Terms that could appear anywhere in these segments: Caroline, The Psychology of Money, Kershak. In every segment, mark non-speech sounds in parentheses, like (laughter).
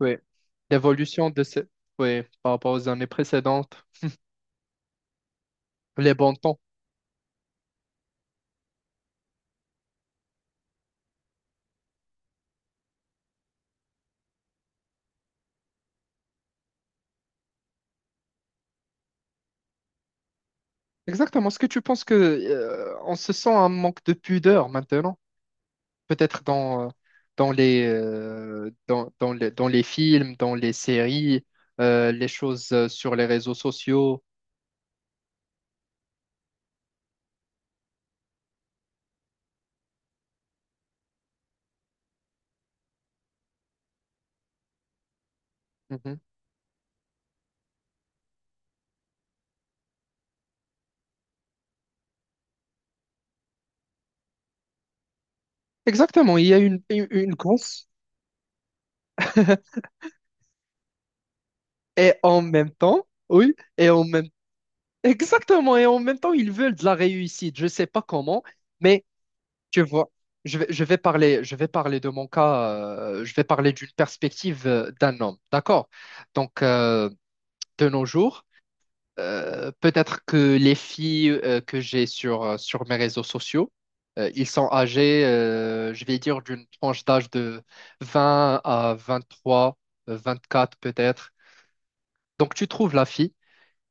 Oui, l'évolution de ces... Oui, par rapport aux années précédentes, les bons temps. Exactement. Est-ce que tu penses que on se sent un manque de pudeur maintenant? Peut-être dans, dans les, dans, dans les films, dans les séries, les choses sur les réseaux sociaux. Mhm. Exactement. Il y a une grosse... (laughs) Et en même temps, oui, et en même... Exactement. Et en même temps, ils veulent de la réussite. Je ne sais pas comment, mais... Tu vois, je vais parler de mon cas, je vais parler d'une perspective d'un homme, d'accord? Donc, de nos jours, peut-être que les filles que j'ai sur mes réseaux sociaux, ils sont âgés, je vais dire, d'une tranche d'âge de 20 à 23, 24 peut-être. Donc, tu trouves la fille.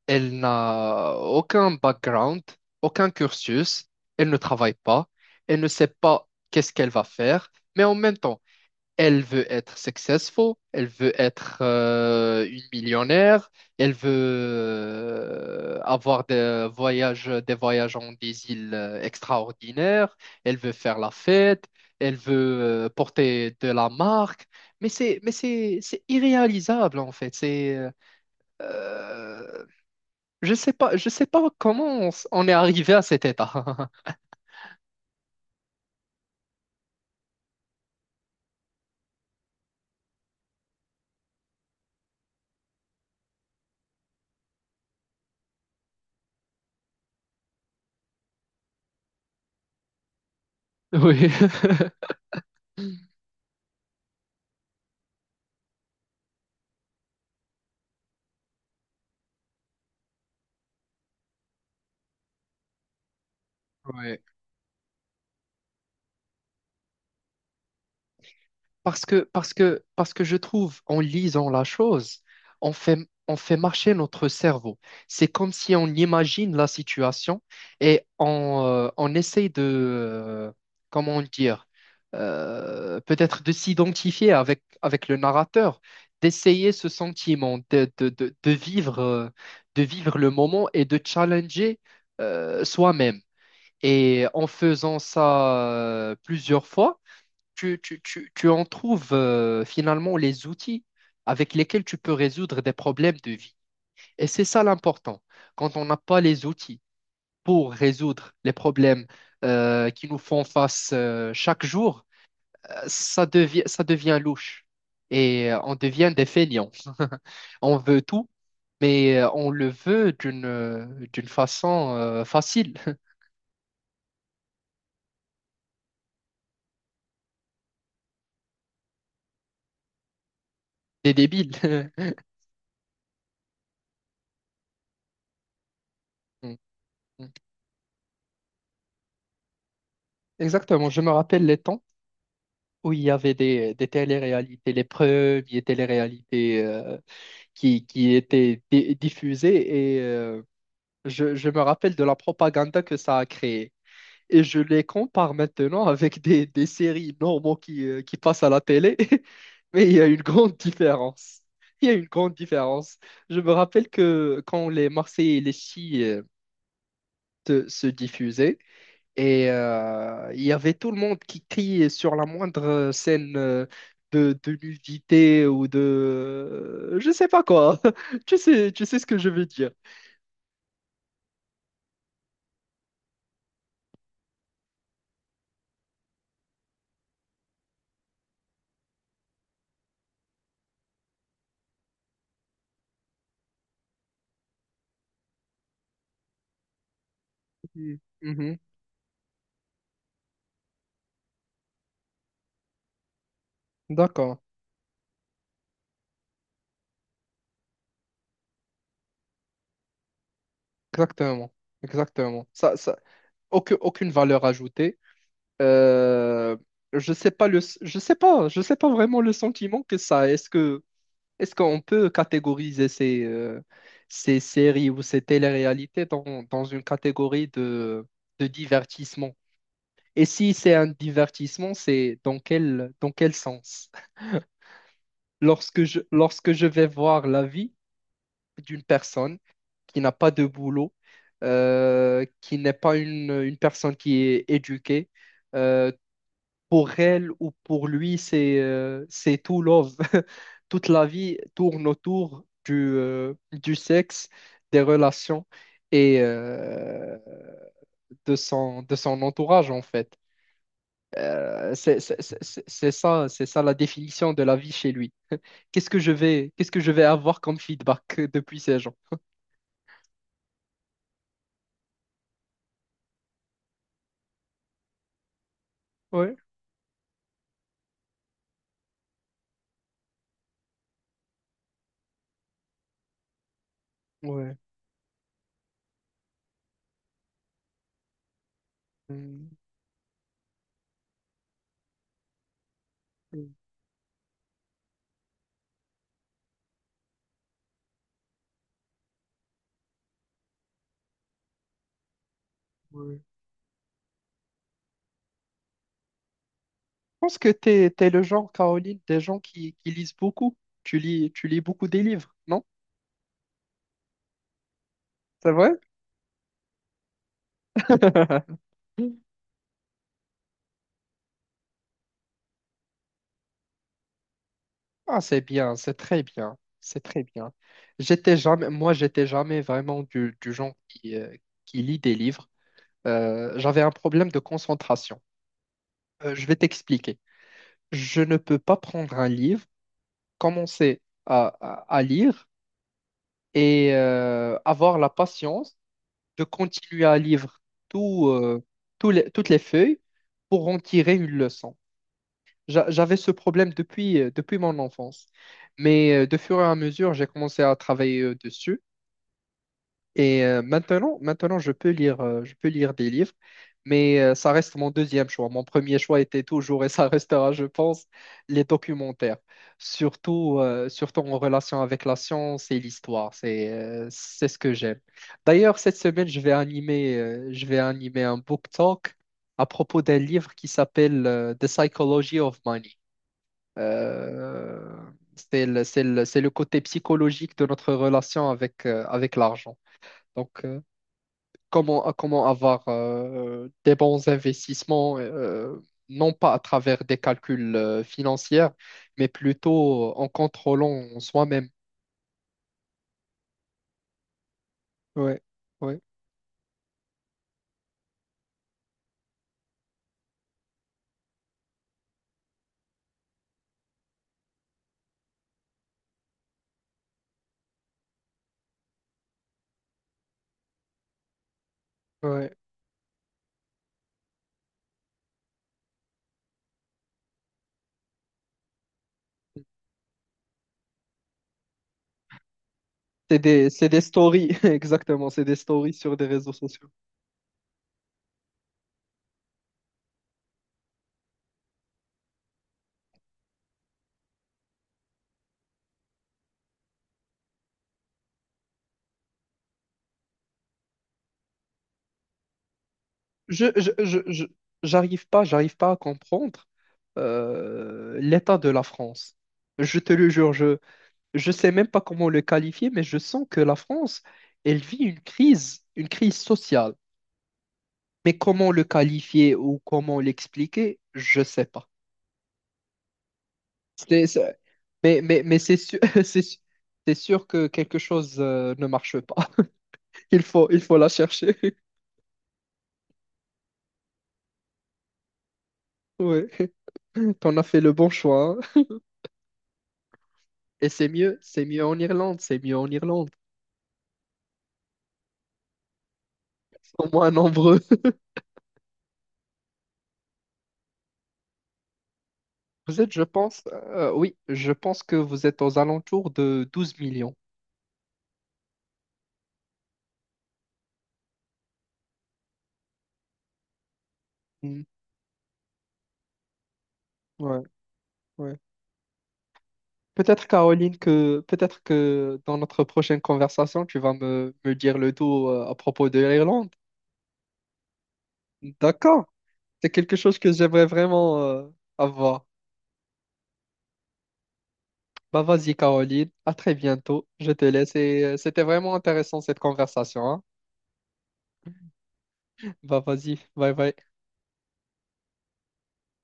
Elle n'a aucun background, aucun cursus, elle ne travaille pas, elle ne sait pas qu'est-ce qu'elle va faire, mais en même temps, elle veut être successful, elle veut être une millionnaire, elle veut avoir des voyages en des îles extraordinaires, elle veut faire la fête, elle veut porter de la marque, mais c'est irréalisable en fait, c'est euh, je sais pas comment on est arrivé à cet état. (laughs) Oui. (laughs) Ouais. Parce que je trouve, en lisant la chose, on fait, on fait marcher notre cerveau. C'est comme si on imagine la situation et on essaye de, euh, comment dire, peut-être de s'identifier avec le narrateur, d'essayer ce sentiment, de vivre le moment et de challenger, soi-même. Et en faisant ça plusieurs fois, tu en trouves finalement les outils avec lesquels tu peux résoudre des problèmes de vie. Et c'est ça l'important. Quand on n'a pas les outils pour résoudre les problèmes qui nous font face chaque jour, ça devient louche. Et on devient des fainéants. (laughs) On veut tout, mais on le veut d'une d'une façon facile, (laughs) des débiles. (laughs) Exactement, je me rappelle les temps où il y avait des téléréalités, les premières téléréalités qui étaient diffusées et je me rappelle de la propagande que ça a créée. Et je les compare maintenant avec des séries normaux qui passent à la télé, (laughs) mais il y a une grande différence. Il y a une grande différence. Je me rappelle que quand les Marseillais et les Chi se diffusaient, et il y avait tout le monde qui criait sur la moindre scène de nudité ou de... Je sais pas quoi. (laughs) Tu sais ce que je veux dire. Mhm. Mhm. D'accord. Exactement. Exactement. Ça... Aucune valeur ajoutée. Euh, Je sais pas le... je sais pas vraiment le sentiment que ça a. Est-ce qu'on peut catégoriser ces séries ou ces téléréalités dans, dans une catégorie de divertissement? Et si c'est un divertissement, c'est dans dans quel sens? Lorsque je vais voir la vie d'une personne qui n'a pas de boulot, qui n'est pas une personne qui est éduquée, euh, pour elle ou pour lui, c'est tout love. (laughs) Toute la vie tourne autour du sexe, des relations et de son entourage, en fait. C'est ça la définition de la vie chez lui. Qu'est-ce que je vais avoir comme feedback (laughs) depuis ces gens? Ouais, ouais. Mm, mm, ouais. Je pense que tu es, le genre, Caroline, des gens qui lisent beaucoup. Tu lis beaucoup des livres, non? C'est vrai? (laughs) Ah, c'est bien, c'est très bien, c'est très bien. J'étais jamais, moi, j'étais jamais vraiment du genre qui lit des livres. J'avais un problème de concentration. Je vais t'expliquer. Je ne peux pas prendre un livre, commencer à, à lire et avoir la patience de continuer à lire tout, toutes les feuilles pour en tirer une leçon. J'avais ce problème depuis, depuis mon enfance. Mais de fur et à mesure, j'ai commencé à travailler dessus. Et maintenant, je peux lire des livres, mais ça reste mon deuxième choix. Mon premier choix était toujours, et ça (laughs) restera, je pense, les documentaires. Surtout, surtout en relation avec la science et l'histoire. C'est ce que j'aime. D'ailleurs, cette semaine, je vais animer un book talk à propos d'un livre qui s'appelle The Psychology of Money. Euh, c'est le côté psychologique de notre relation avec, avec l'argent. Donc, comment, comment avoir des bons investissements, non pas à travers des calculs financiers, mais plutôt en contrôlant soi-même. Ouais, ouais, ouais. C'est c'est des stories, (laughs) exactement, c'est des stories sur des réseaux sociaux. je, je, je, je- j'arrive pas à comprendre l'état de la France. Je te le jure, je sais même pas comment le qualifier, mais je sens que la France, elle vit une crise sociale. Mais comment le qualifier ou comment l'expliquer, je sais pas. C'est, c'est- mais c'est sûr, (laughs) c'est sûr que quelque chose ne marche pas. (laughs) Il faut la chercher. (laughs) Oui, on a fait le bon choix, hein. Et c'est mieux en Irlande, c'est mieux en Irlande. Au moins nombreux. (laughs) Vous êtes, je pense, oui, je pense que vous êtes aux alentours de 12 millions. Mm. Ouais, ouais. Peut-être, Caroline, que peut-être que dans notre prochaine conversation, tu vas me, me dire le tout à propos de l'Irlande. D'accord. C'est quelque chose que j'aimerais vraiment avoir. Bah vas-y, Caroline, à très bientôt. Je te laisse et c'était vraiment intéressant cette conversation, hein. Bah vas-y, bye bye.